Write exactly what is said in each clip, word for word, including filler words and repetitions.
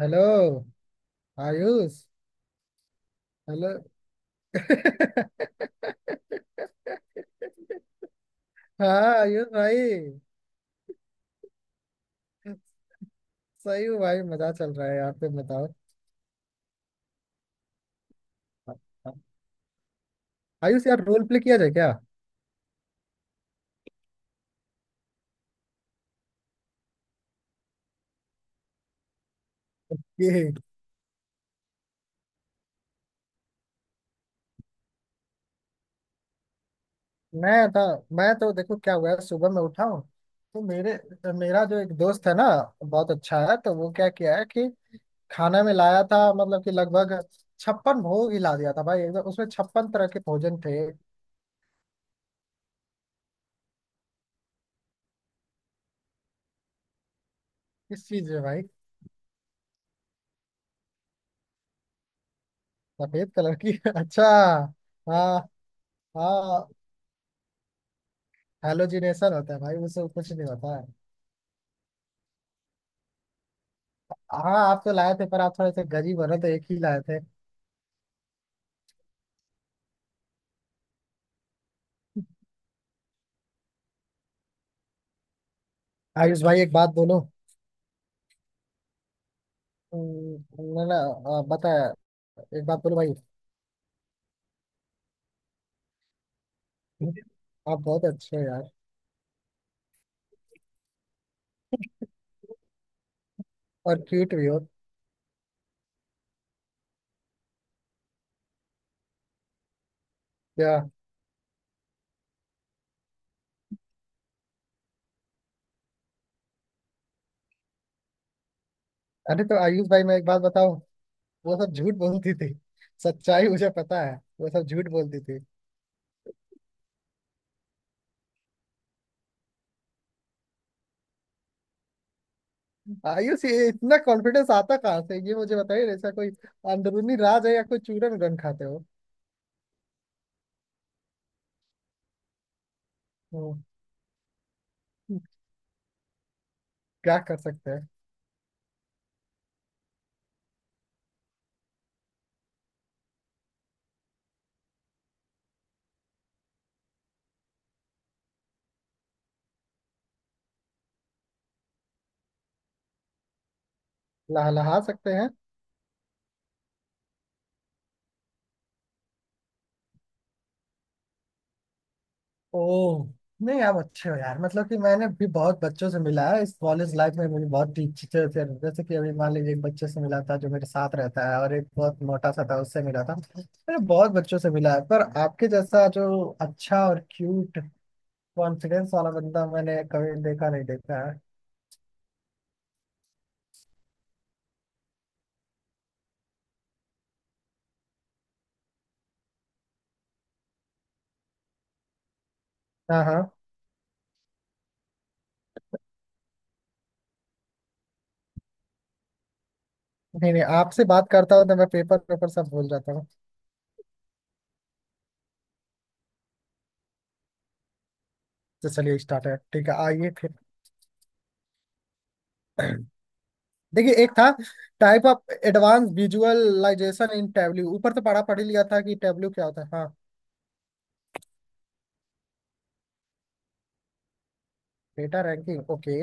Hello Ayush. Hello. हाँ। आयुष भाई। सही हूँ भाई। मजा चल रहा है यार। तुम बताओ। आयुष यार, रोल प्ले किया जाए क्या? ये। मैं था। मैं तो देखो क्या हुआ है, सुबह मैं उठा हूँ। तो मेरे मेरा जो एक दोस्त है ना बहुत अच्छा है। तो वो क्या किया है कि खाना में लाया था, मतलब कि लगभग छप्पन भोग ही ला दिया था भाई। एकदम उसमें छप्पन तरह के भोजन थे। किस चीज में भाई? सफेद कलर की। अच्छा। हाँ। हाँ। हेलोजिनेशन होता है भाई, उससे कुछ नहीं होता है। हाँ आप तो लाए थे पर आप थोड़े से गरीब हो रहे तो एक ही लाए थे। आयुष भाई, एक बात बोलो। हम्म। ना, ना। आ, बताया। एक बात बोलो भाई। आप बहुत अच्छे हो यार। और क्यूट भी हो। क्या? अरे तो आयुष भाई, मैं एक बात बताऊं। वो सब झूठ बोलती थी। सच्चाई मुझे पता है। वो सब झूठ बोलती थी। आयुष, ये इतना कॉन्फिडेंस आता कहाँ से? ये मुझे बताइए। ऐसा कोई अंदरूनी राज है या कोई चूरन गन खाते हो? हम्म। क्या कर सकते हैं? लहलहा सकते हैं? ओह। नहीं आप अच्छे हो यार। मतलब कि मैंने भी बहुत बच्चों से मिला है इस कॉलेज लाइफ में। मुझे बहुत टीचर थे, जैसे कि अभी मान लीजिए एक बच्चे से मिला था जो मेरे साथ रहता है, और एक बहुत मोटा सा था उससे मिला था। मैंने बहुत बच्चों से मिला है, पर आपके जैसा जो अच्छा और क्यूट कॉन्फिडेंस वाला बंदा मैंने कभी देखा नहीं, देखा है। हाँ। हाँ। नहीं, नहीं, आपसे बात करता हूँ तो मैं पेपर पेपर सब भूल जाता हूँ। तो चलिए स्टार्ट है, ठीक है, आइए फिर। देखिए एक था type of advance visualization in Tableau. ऊपर तो पढ़ा पढ़ ही लिया था कि टैबल्यू क्या होता है। हाँ। Data ranking. ओके।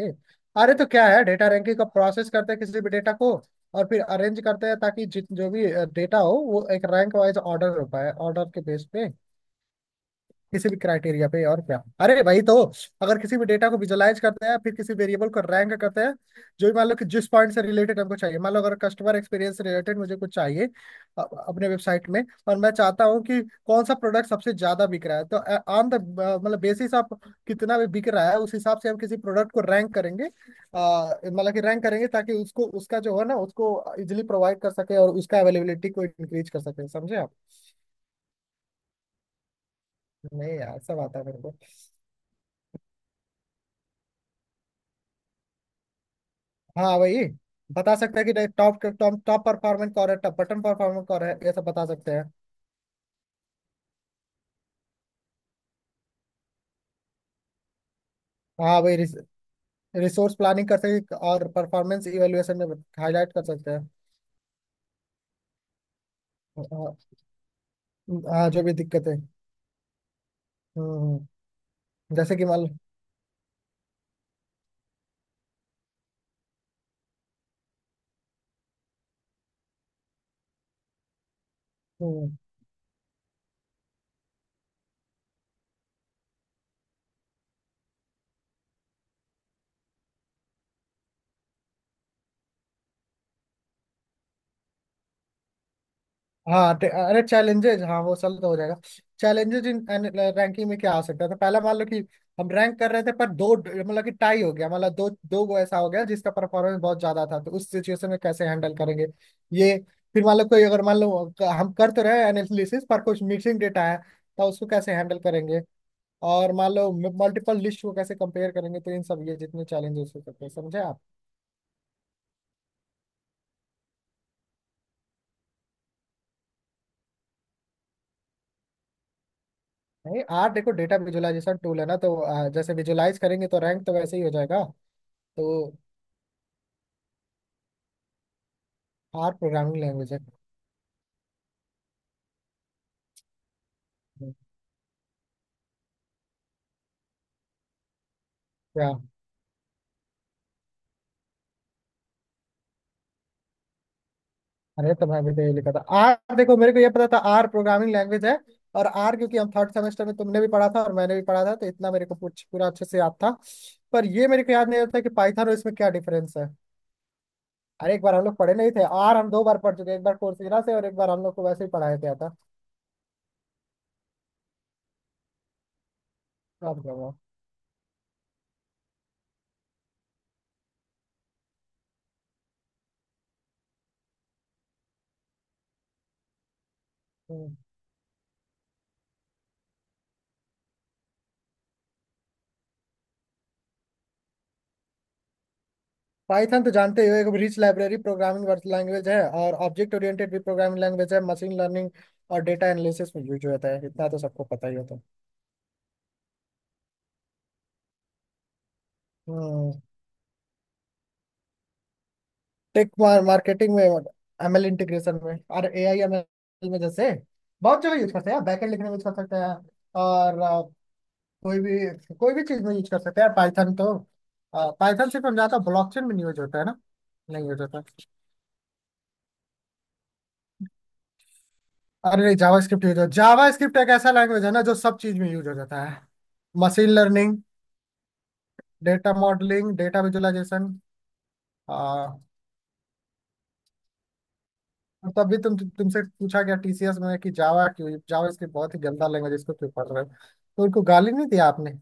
अरे तो क्या है डेटा रैंकिंग का? प्रोसेस करते हैं किसी भी डेटा को और फिर अरेंज करते हैं ताकि जित जो भी डेटा हो वो एक रैंक वाइज ऑर्डर हो पाए, ऑर्डर के बेस पे, किसी भी क्राइटेरिया पे। और क्या? अरे भाई तो अगर किसी भी डेटा को विजुलाइज करते हैं फिर किसी वेरिएबल को रैंक करते हैं। जो भी मान लो कि जिस पॉइंट से रिलेटेड हमको चाहिए, मान लो अगर कस्टमर एक्सपीरियंस से रिलेटेड मुझे कुछ चाहिए अ- अपने वेबसाइट में, और मैं चाहता हूँ कि कौन सा प्रोडक्ट सबसे ज्यादा बिक रहा है, तो ऑन द मतलब बेसिस ऑफ कितना भी बिक रहा है उस हिसाब से हम किसी प्रोडक्ट को रैंक करेंगे। अ, मतलब कि रैंक करेंगे ताकि उसको, उसका जो है ना, उसको इजिली प्रोवाइड कर सके और उसका अवेलेबिलिटी को इंक्रीज कर सके। समझे आप? नहीं यार, सब आता है मेरे को। हाँ वही, बता सकते हैं कि नहीं, टॉप टॉप टॉप परफॉर्मेंस कौन है, टॉप बटन परफॉर्मेंस कौन है, ये सब बता सकते हैं। हाँ वही, रिस, रिसोर्स प्लानिंग कर सकते हैं और परफॉर्मेंस इवेलुएशन में हाईलाइट कर सकते हैं। हाँ, हाँ, जो भी दिक्कत है। हम्म। हम्म। जैसे कि मान लो। हम्म। हाँ टे- अरे चैलेंजेज, हाँ वो सल तो हो जाएगा। चैलेंजेज इन रैंकिंग में क्या आ सकता था? पहला, मान लो कि हम रैंक कर रहे थे पर दो, मतलब कि टाई हो गया, मतलब दो दो गो ऐसा हो गया जिसका परफॉर्मेंस बहुत ज्यादा था, तो उस सिचुएशन में कैसे हैंडल करेंगे? ये। फिर मान लो कोई अगर मान लो क- हम कर तो रहे एनालिसिस पर कुछ मिसिंग डेटा है, तो उसको कैसे हैंडल करेंगे? और मान लो मल्टीपल लिस्ट को कैसे कंपेयर करेंगे, तो इन सब ये जितने चैलेंजेस हो सकते हैं, समझे आप? नहीं आर देखो, डेटा विजुअलाइजेशन टूल है ना, तो अ, जैसे विजुलाइज करेंगे तो रैंक तो वैसे ही हो जाएगा। तो आर प्रोग्रामिंग लैंग्वेज है क्या? अरे तो मैं भी तो ये लिखा था आर। देखो मेरे को ये पता था आर प्रोग्रामिंग लैंग्वेज है। और आर क्योंकि हम थर्ड सेमेस्टर में तुमने भी पढ़ा था और मैंने भी पढ़ा था, तो इतना मेरे को पूछ पूरा अच्छे से याद था। पर ये मेरे को याद नहीं होता कि पाइथन और इसमें क्या डिफरेंस है। अरे एक बार हम लोग पढ़े नहीं थे आर? हम दो बार पढ़ चुके, एक बार कोर्सेरा से और एक बार हम लोग को वैसे ही पढ़ाया गया था। अब जगह। पाइथन तो जानते ही हो, एक रिच लाइब्रेरी प्रोग्रामिंग लैंग्वेज है और ऑब्जेक्ट ओरिएंटेड भी प्रोग्रामिंग लैंग्वेज है। मशीन लर्निंग और डेटा एनालिसिस में यूज होता है, इतना तो सबको पता ही होता है। टेक, मार्केटिंग में, एमएल इंटीग्रेशन में और एआई एमएल में, जैसे बहुत जगह यूज करते हैं। बैकएंड लिखने में यूज कर सकते हैं। और अ, कोई भी कोई भी चीज में यूज कर सकते हैं पाइथन तो। पाइथन सिर्फ हम जानते हैं ब्लॉकचेन में नहीं यूज होता है ना। नहीं यूज होता। अरे नहीं जावा स्क्रिप्ट यूज हो। जावा स्क्रिप्ट एक ऐसा लैंग्वेज है ना जो सब चीज में यूज हो जाता है। Machine learning, data modelling, data visualisation. तभी तुम तुमसे पूछा गया टीसीएस में कि जावा क्यों, जावा स्क्रिप्ट बहुत ही गंदा लैंग्वेज इसको क्यों पढ़ रहे हो? तो उनको गाली नहीं दिया आपने?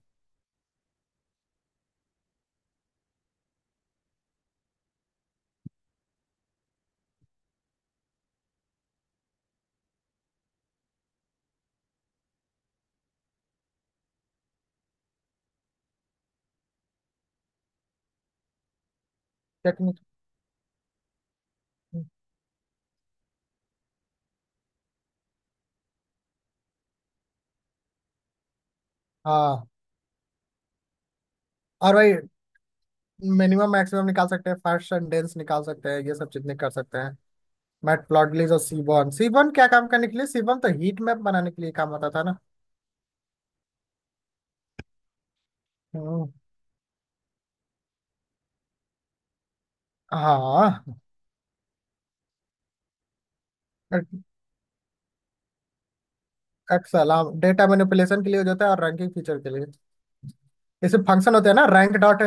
टेक्निक। हाँ। और भाई मिनिमम मैक्सिमम निकाल सकते हैं, फर्स्ट सेंटेंस निकाल सकते हैं, ये सब चीजें कर सकते हैं। मैटप्लॉटलिब और सीबॉन। सीबॉन क्या काम करने के लिए? सीबॉन तो हीट मैप बनाने के लिए काम आता था ना। हम्म। हाँ। एक्सेल। हाँ डेटा मैनिपुलेशन के लिए हो जाता है और रैंकिंग फीचर के लिए। जैसे फंक्शन होते हैं ना, rank dot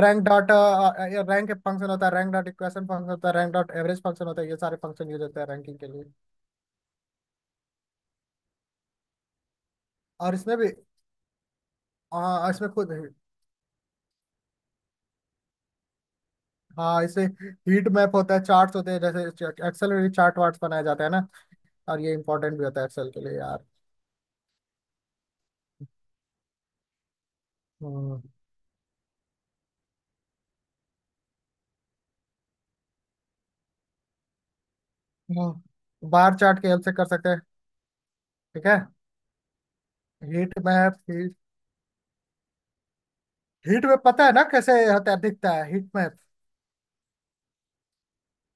rank dot rank function होता है, रैंक डॉट इक्वेशन फंक्शन होता है, रैंक डॉट एवरेज फंक्शन होता है, ये सारे फंक्शन यूज होते हैं रैंकिंग के लिए। और इसमें भी। हाँ इसमें खुद। हाँ इसे। हीट मैप होता है, चार्ट्स होते हैं, जैसे एक्सेल में भी चार्ट वार्ट्स बनाया जाता है ना, और ये इंपॉर्टेंट भी होता है एक्सेल के लिए यार। हम्म। हम्म। बार चार्ट की हेल्प से कर सकते हैं। ठीक है। Heat map heat heat map पता है ना, कैसे होता है, दिखता है हीट मैप?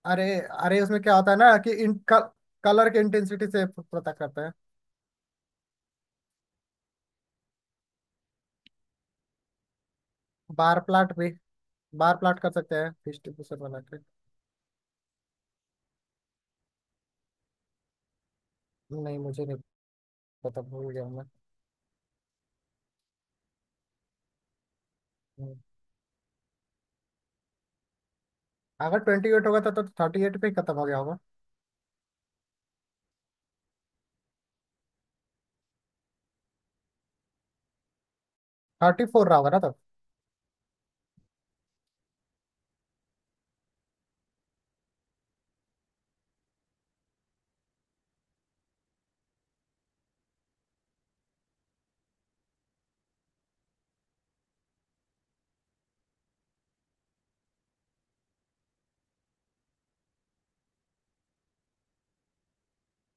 अरे अरे, उसमें क्या होता है ना कि इन कलर के इंटेंसिटी से पता करते हैं। बार प्लाट भी बार प्लाट कर सकते हैं डिस्ट्रीब्यूशन बना के। नहीं मुझे नहीं पता, भूल गया मैं। हम्म। अगर ट्वेंटी एट होगा तो थर्टी एट पे ही खत्म हो गया होगा। थर्टी फोर रहा होगा ना तब।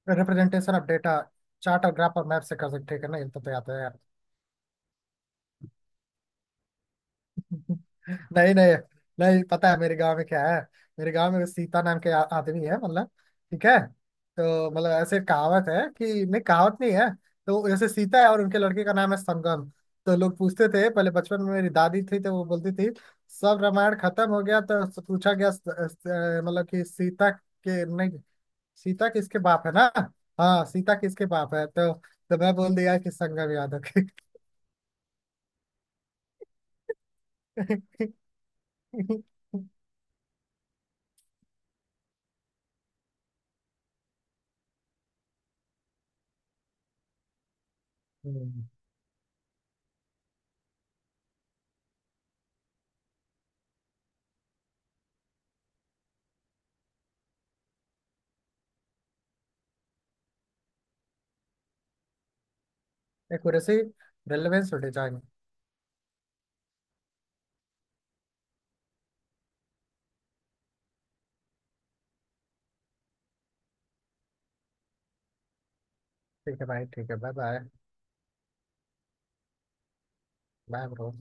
Representation of data. चार्ट और ग्राफ और मैप से कर सकते हैं ना, ये तो, तो आता है यार। नहीं, नहीं। नहीं, पता है मेरे गांव में क्या है। मेरे गांव में सीता नाम के आ- आदमी है मतलब। ठीक है। तो मतलब ऐसे कहावत है कि नहीं, कहावत नहीं है। तो जैसे सीता है और उनके लड़के का नाम है समगम। तो लोग पूछते थे पहले, बचपन में मेरी दादी थी तो वो बोलती थी। सब रामायण खत्म हो गया तो पूछा गया अ, अ, मतलब कि सीता के नहीं, सीता किसके बाप है ना? हाँ सीता किसके बाप है, तो तो मैं बोल दिया कि संगम यादव के। हम्म। एक रेलवे छोटे जाएंगे। ठीक है भाई, ठीक है। Bye bye. Bye bro.